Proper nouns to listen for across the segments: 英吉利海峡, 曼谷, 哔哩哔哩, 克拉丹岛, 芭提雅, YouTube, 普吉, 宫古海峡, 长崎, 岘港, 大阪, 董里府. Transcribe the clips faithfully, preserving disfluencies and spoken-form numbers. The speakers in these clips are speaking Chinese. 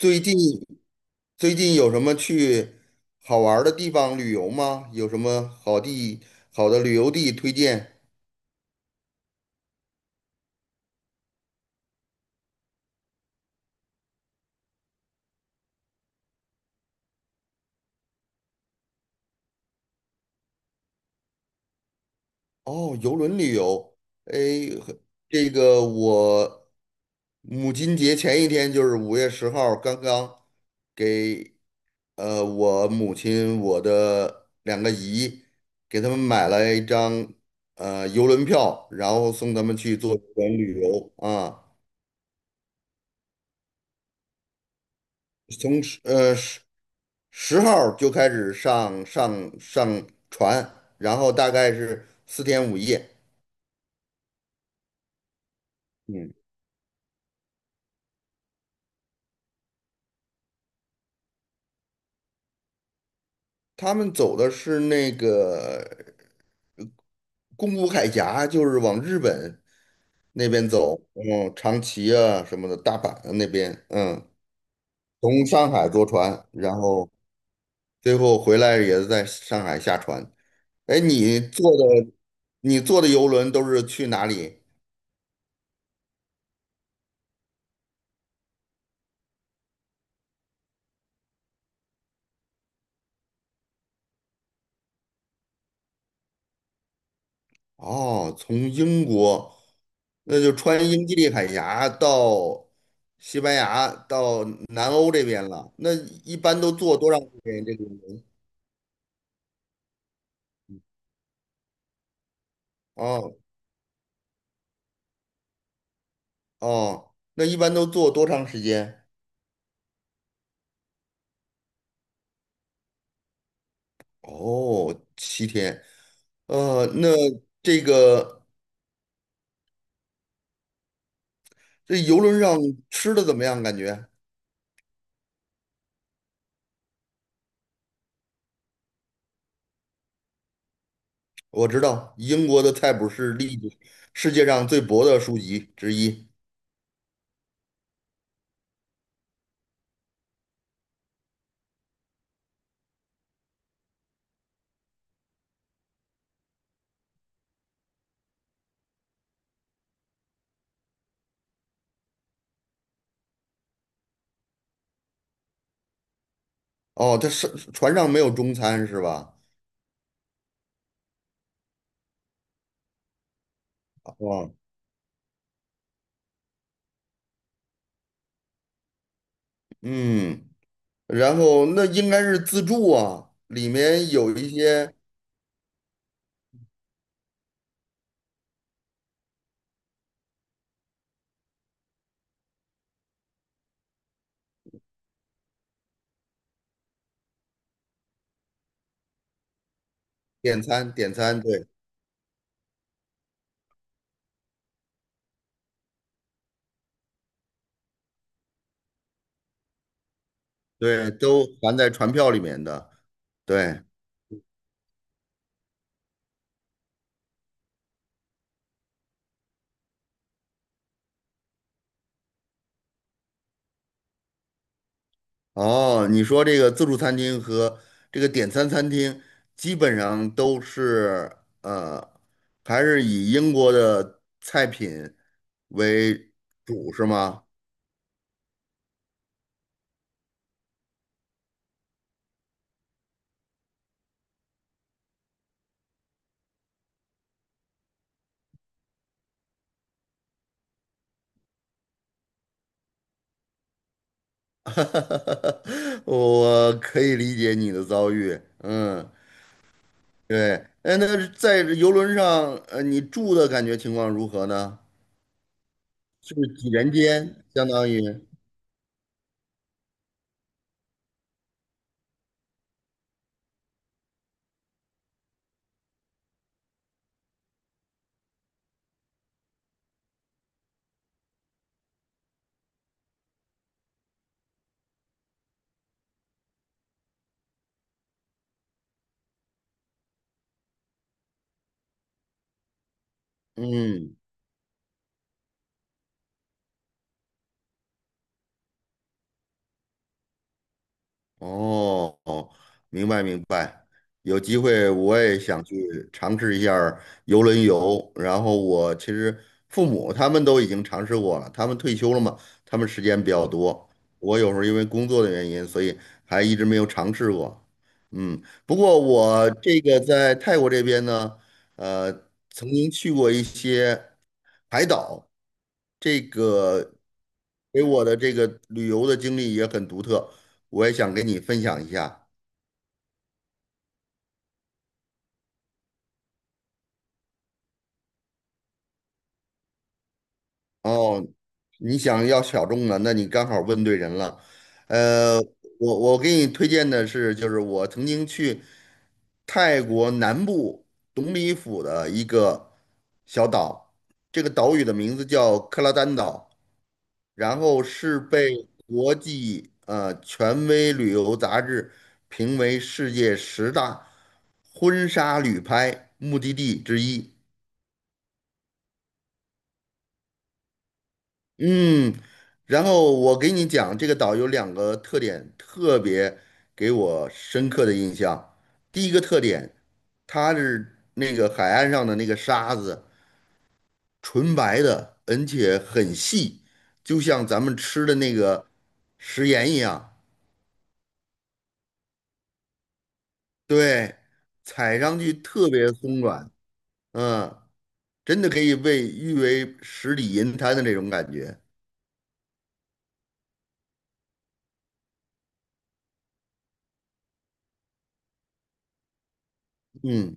最近最近有什么去好玩儿的地方旅游吗？有什么好地好的旅游地推荐？哦，游轮旅游，哎，很这个我母亲节前一天就是五月十号，刚刚给呃我母亲我的两个姨给他们买了一张呃游轮票，然后送他们去做游轮旅游啊，从呃十号就开始上上上船，然后大概是四天五夜。嗯，他们走的是那个宫古海峡，就是往日本那边走，嗯，长崎啊什么的，大阪啊那边，嗯，从上海坐船，然后最后回来也是在上海下船。哎，你坐的你坐的游轮都是去哪里？哦，从英国，那就穿英吉利海峡到西班牙，到南欧这边了。那一般都坐多长时间？这个轮哦哦，那一般都坐多长时间？哦，七天。呃，那这个这游轮上吃的怎么样？感觉我知道英国的菜谱是历世界上最薄的书籍之一。哦，它是船上没有中餐是吧？哦，嗯。然后那应该是自助啊，里面有一些点餐，点餐，对对，都含在船票里面的。对，哦，你说这个自助餐厅和这个点餐餐厅，基本上都是呃，还是以英国的菜品为主，是吗？我可以理解你的遭遇，嗯，对，哎，那在游轮上，呃，你住的感觉情况如何呢？是不是几人间，相当于，嗯哦哦，明白明白。有机会我也想去尝试一下儿游轮游。然后我其实父母他们都已经尝试过了，他们退休了嘛，他们时间比较多。我有时候因为工作的原因，所以还一直没有尝试过。嗯，不过我这个在泰国这边呢，呃，曾经去过一些海岛，这个给我的这个旅游的经历也很独特。我也想跟你分享一下哦。你想要小众的，那你刚好问对人了。呃，我我给你推荐的是，就是我曾经去泰国南部董里府的一个小岛，这个岛屿的名字叫克拉丹岛，然后是被国际呃权威旅游杂志评为世界十大婚纱旅拍目的地之一。嗯，然后我给你讲，这个岛有两个特点，特别给我深刻的印象。第一个特点，它是那个海岸上的那个沙子，纯白的，而且很细，就像咱们吃的那个食盐一样。对，踩上去特别松软，嗯，真的可以被誉为十里银滩的那种感觉。嗯，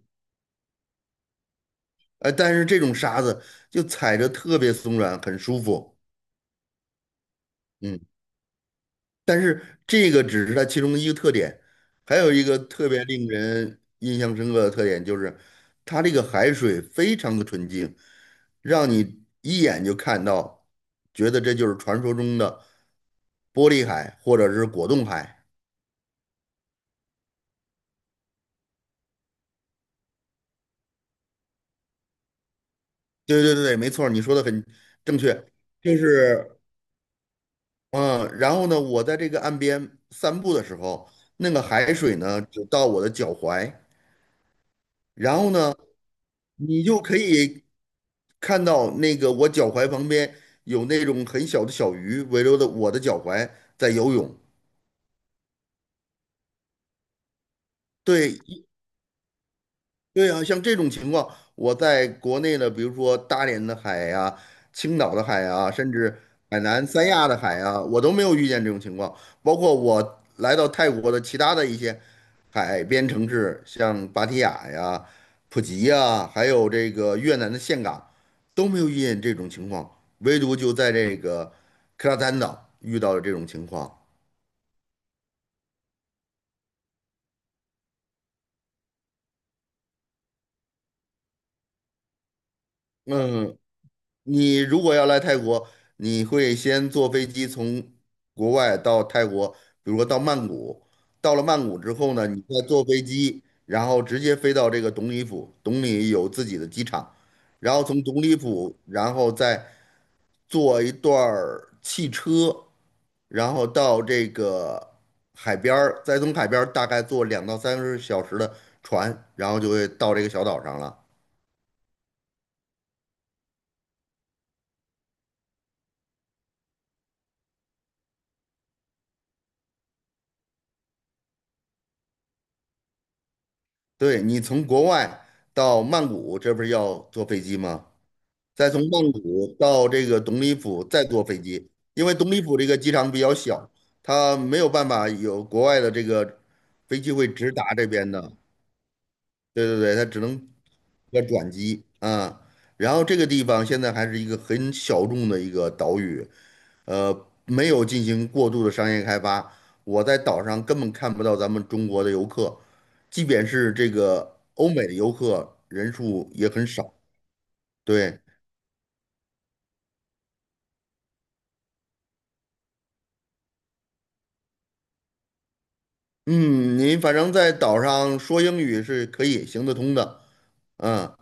呃，但是这种沙子就踩着特别松软，很舒服。嗯，但是这个只是它其中的一个特点，还有一个特别令人印象深刻的特点就是，它这个海水非常的纯净，让你一眼就看到，觉得这就是传说中的玻璃海或者是果冻海。对对对没错儿你说的很正确，就是嗯，然后呢，我在这个岸边散步的时候，那个海水呢只到我的脚踝，然后呢。你就可以看到那个我脚踝旁边有那种很小的小鱼围绕着我的脚踝在游泳。对，对啊，像这种情况，我在国内的，比如说大连的海呀、青岛的海啊，甚至海南三亚的海啊，我都没有遇见这种情况。包括我来到泰国的其他的一些海边城市，像芭提雅呀、普吉呀，还有这个越南的岘港，都没有遇见这种情况，唯独就在这个克拉丹岛遇到了这种情况。嗯，你如果要来泰国，你会先坐飞机从国外到泰国，比如说到曼谷。到了曼谷之后呢，你再坐飞机，然后直接飞到这个董里府。董里有自己的机场，然后从董里府，然后再坐一段儿汽车，然后到这个海边儿，再从海边儿大概坐两到三个小时的船，然后就会到这个小岛上了。对，你从国外到曼谷，这不是要坐飞机吗？再从曼谷到这个董里府再坐飞机，因为董里府这个机场比较小，它没有办法有国外的这个飞机会直达这边的。对对对，它只能要转机啊。然后这个地方现在还是一个很小众的一个岛屿，呃，没有进行过度的商业开发。我在岛上根本看不到咱们中国的游客，即便是这个欧美的游客人数也很少。对，嗯，您反正在岛上说英语是可以行得通的，嗯，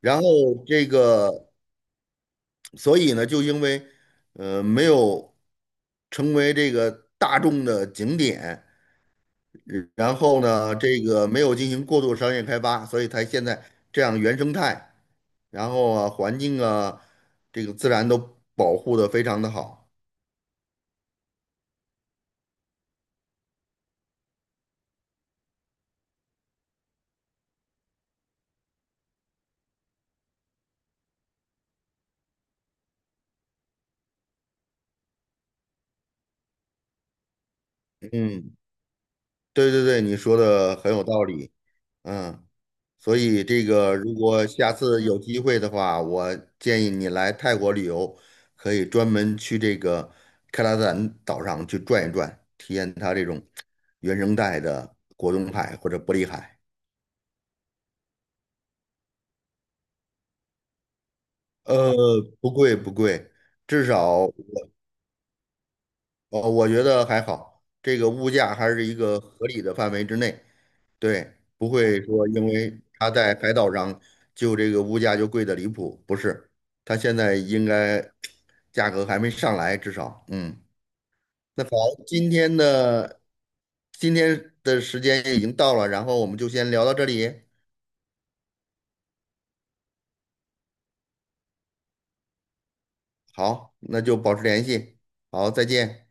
然后这个，所以呢，就因为呃没有成为这个大众的景点，然后呢，这个没有进行过度商业开发，所以它现在这样原生态，然后啊，环境啊，这个自然都保护的非常的好。嗯，对对对，你说的很有道理。嗯，所以这个如果下次有机会的话，我建议你来泰国旅游，可以专门去这个克拉赞岛上去转一转，体验它这种原生态的果冻海或者玻璃海。呃，不贵不贵，至少我呃我觉得还好，这个物价还是一个合理的范围之内，对，不会说因为他在海岛上就这个物价就贵的离谱，不是，他现在应该价格还没上来，至少，嗯，那好，今天的今天的时间已经到了，然后我们就先聊到这里，好，那就保持联系，好，再见。